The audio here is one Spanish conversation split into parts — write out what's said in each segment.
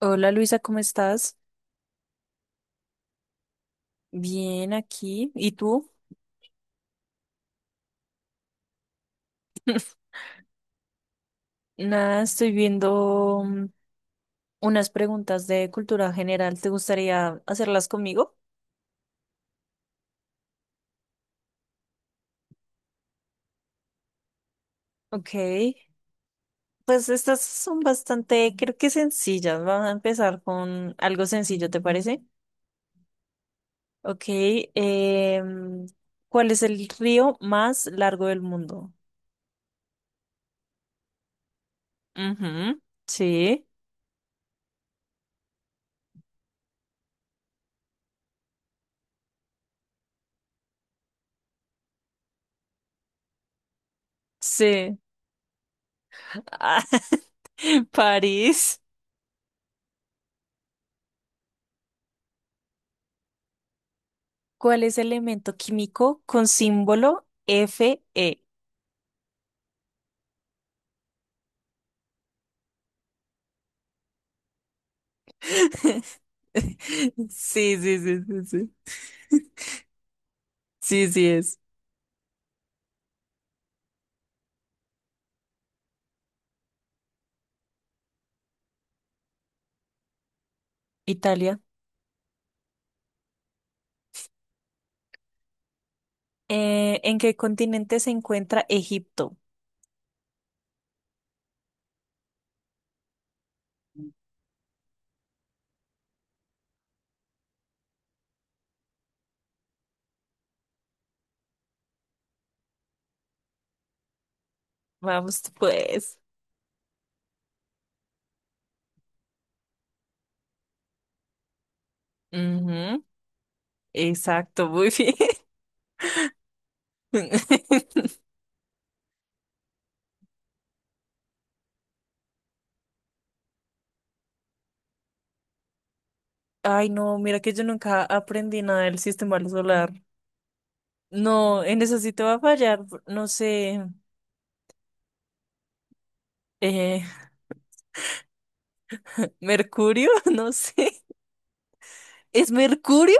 Hola Luisa, ¿cómo estás? Bien aquí. ¿Y tú? Nada, estoy viendo unas preguntas de cultura general. ¿Te gustaría hacerlas conmigo? Ok. Pues estas son bastante, creo que sencillas. Vamos a empezar con algo sencillo, ¿te parece? Ok. em, ¿Cuál es el río más largo del mundo? Ujú, sí. Sí. Ah, París. ¿Cuál es el elemento químico con símbolo Fe? Sí, sí, sí, sí, sí. Sí, sí es. Italia. ¿En qué continente se encuentra Egipto? Vamos, pues. Ujú, exacto, muy bien. Ay, no, mira que yo nunca aprendí nada del sistema solar. No, en eso sí te va a fallar. No sé. Eh, ¿Mercurio? No sé. ¿Es Mercurio?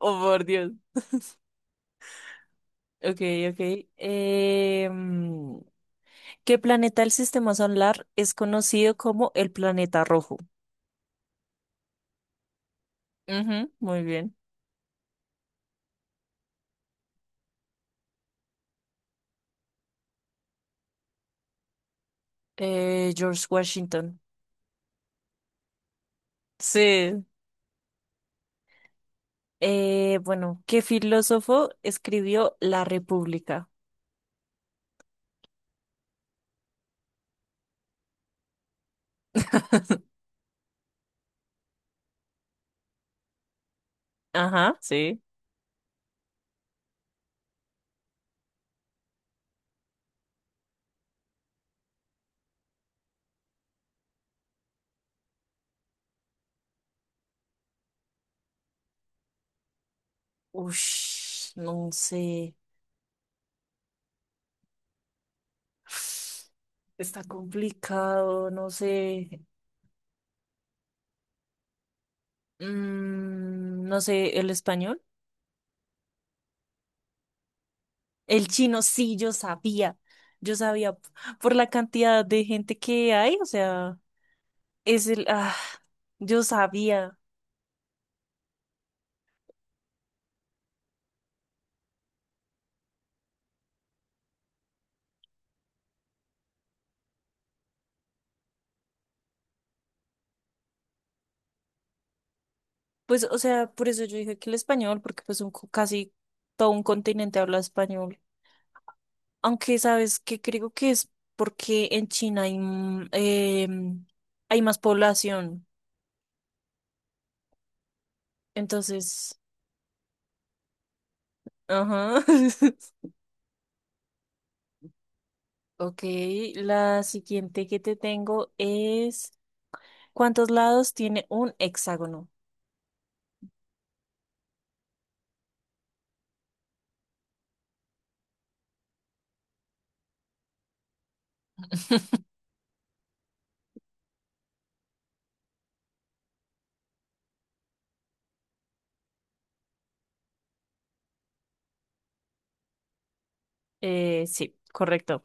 Oh, por Dios. Ok, ok. Eh, mm, ¿Qué planeta del sistema solar es conocido como el planeta rojo? Ujú, muy bien. George Washington. Sí. Bueno, ¿qué filósofo escribió La República? Ajá, sí. Ush, no sé. Está complicado, no sé. No sé, ¿el español? El chino, sí, yo sabía, por la cantidad de gente que hay, o sea, es el, yo sabía, pues, o sea, por eso yo dije que el español, porque pues casi todo un continente habla español, aunque sabes que creo que es porque en China hay más población, entonces, ajá, ok, la siguiente que te tengo es, ¿cuántos lados tiene un hexágono? Sí, correcto.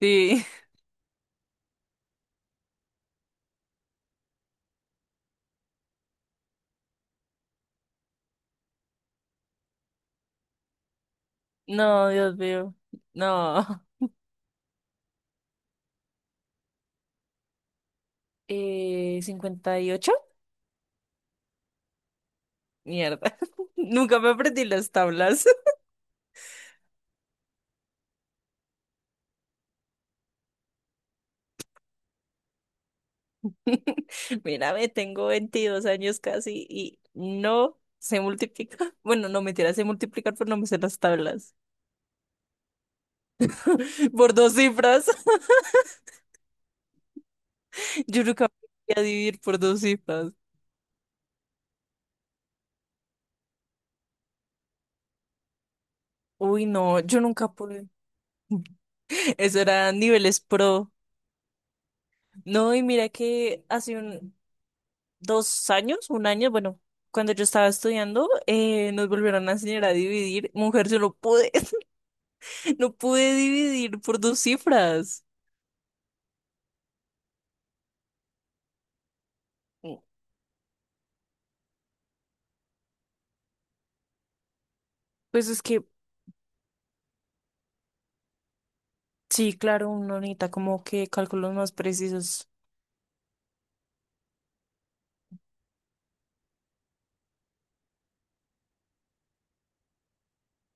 Sí. No, Dios mío. No. 58. Mierda. Nunca me aprendí las tablas. Mírame, tengo 22 años casi y no sé multiplicar. Bueno, no, mentira, sé multiplicar, pero no me sé las tablas. Por dos cifras. Yo nunca podía dividir por dos cifras. Uy, no, yo nunca pude. Eso era niveles pro. No, y mira que hace un, 2 años, un año, bueno, cuando yo estaba estudiando, nos volvieron a enseñar a dividir. Mujer, yo no pude, no pude dividir por dos cifras. Pues es que, sí, claro, uno necesita como que cálculos más precisos.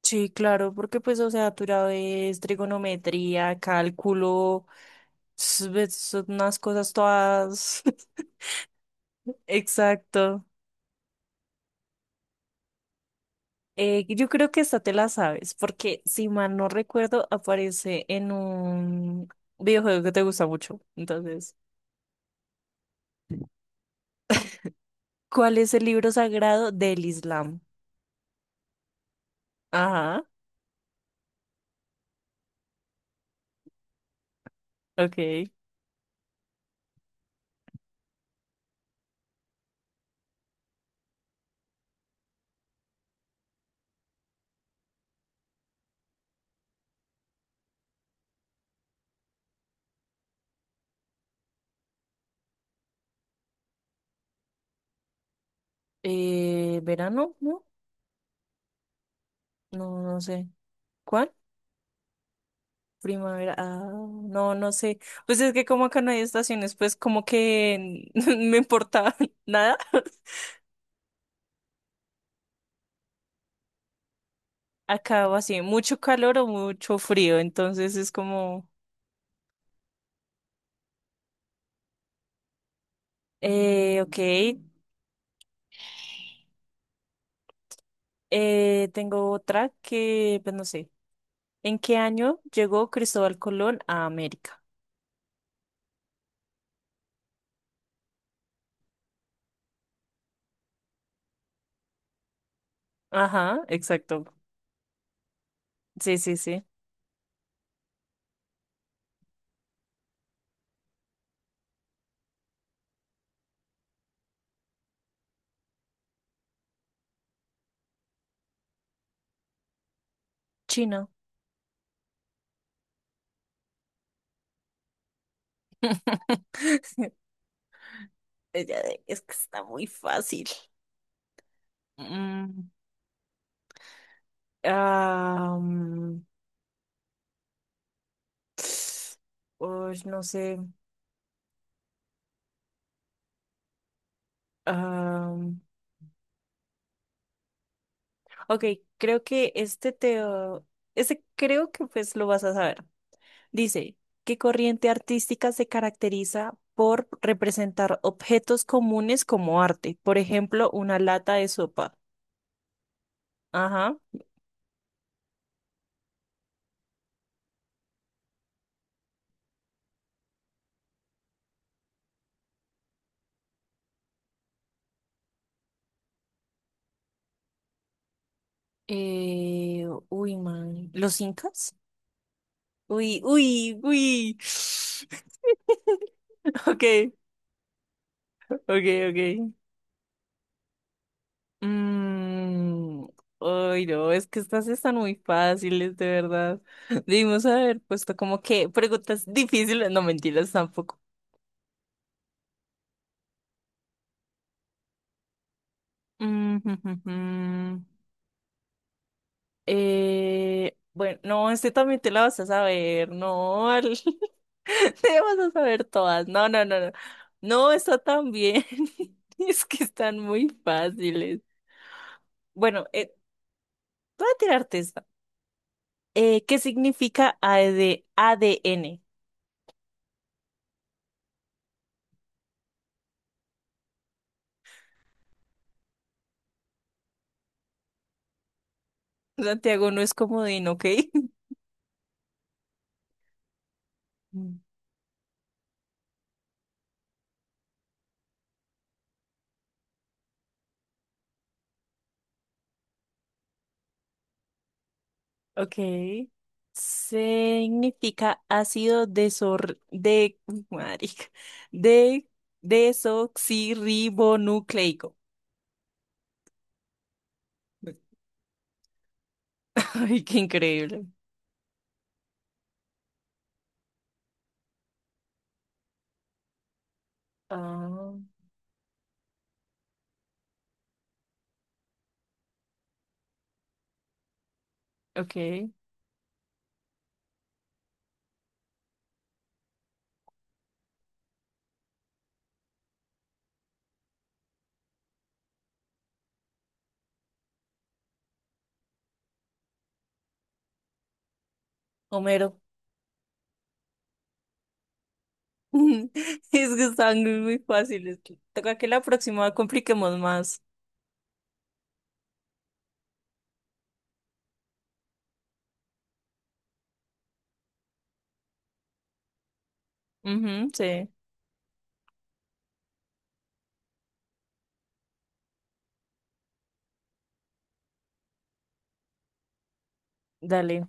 Sí, claro, porque pues, o sea, tú ya ves trigonometría, cálculo, ves unas cosas todas. Exacto. Yo creo que esta te la sabes, porque si mal no recuerdo, aparece en un videojuego que te gusta mucho. Entonces, ¿cuál es el libro sagrado del Islam? Ajá, ok. ¿Verano? No, no, no sé. ¿Cuál? Primavera. Ah, no, no sé. Pues es que como acá no hay estaciones, pues como que me importa nada. Acá o así, mucho calor o mucho frío, entonces es como... Ok, tengo otra que, pues no sé. ¿En qué año llegó Cristóbal Colón a América? Ajá, exacto. Sí, sí, sí. Chino. Es que está muy fácil. Mm, ah, mm, uy, no sé. Ah, ok, creo que este te... Este creo que pues lo vas a saber. Dice, ¿qué corriente artística se caracteriza por representar objetos comunes como arte? Por ejemplo, una lata de sopa. Ajá. Uy, man. ¿Los incas? Uy, uy, uy. Ok, ok, ok. Mm, Ay, no, es que estas están muy fáciles, de verdad. Debimos haber puesto como que preguntas difíciles, no mentiras tampoco. Mm, bueno, no, este también te la vas a saber, no, te vas a saber todas, no, no, no, no, no, está tan bien. Es que están muy fáciles. Bueno, voy a tirarte esta. ¿Qué significa A AD ADN? Santiago no es comodín, ¿ok? Mm. Ok. Significa ácido desor de, marica, de desoxirribonucleico. Ay, qué increíble. Ah, ok. Homero. Es que están muy muy fáciles. Toca que la próxima compliquemos más. Ujú, sí. Dale.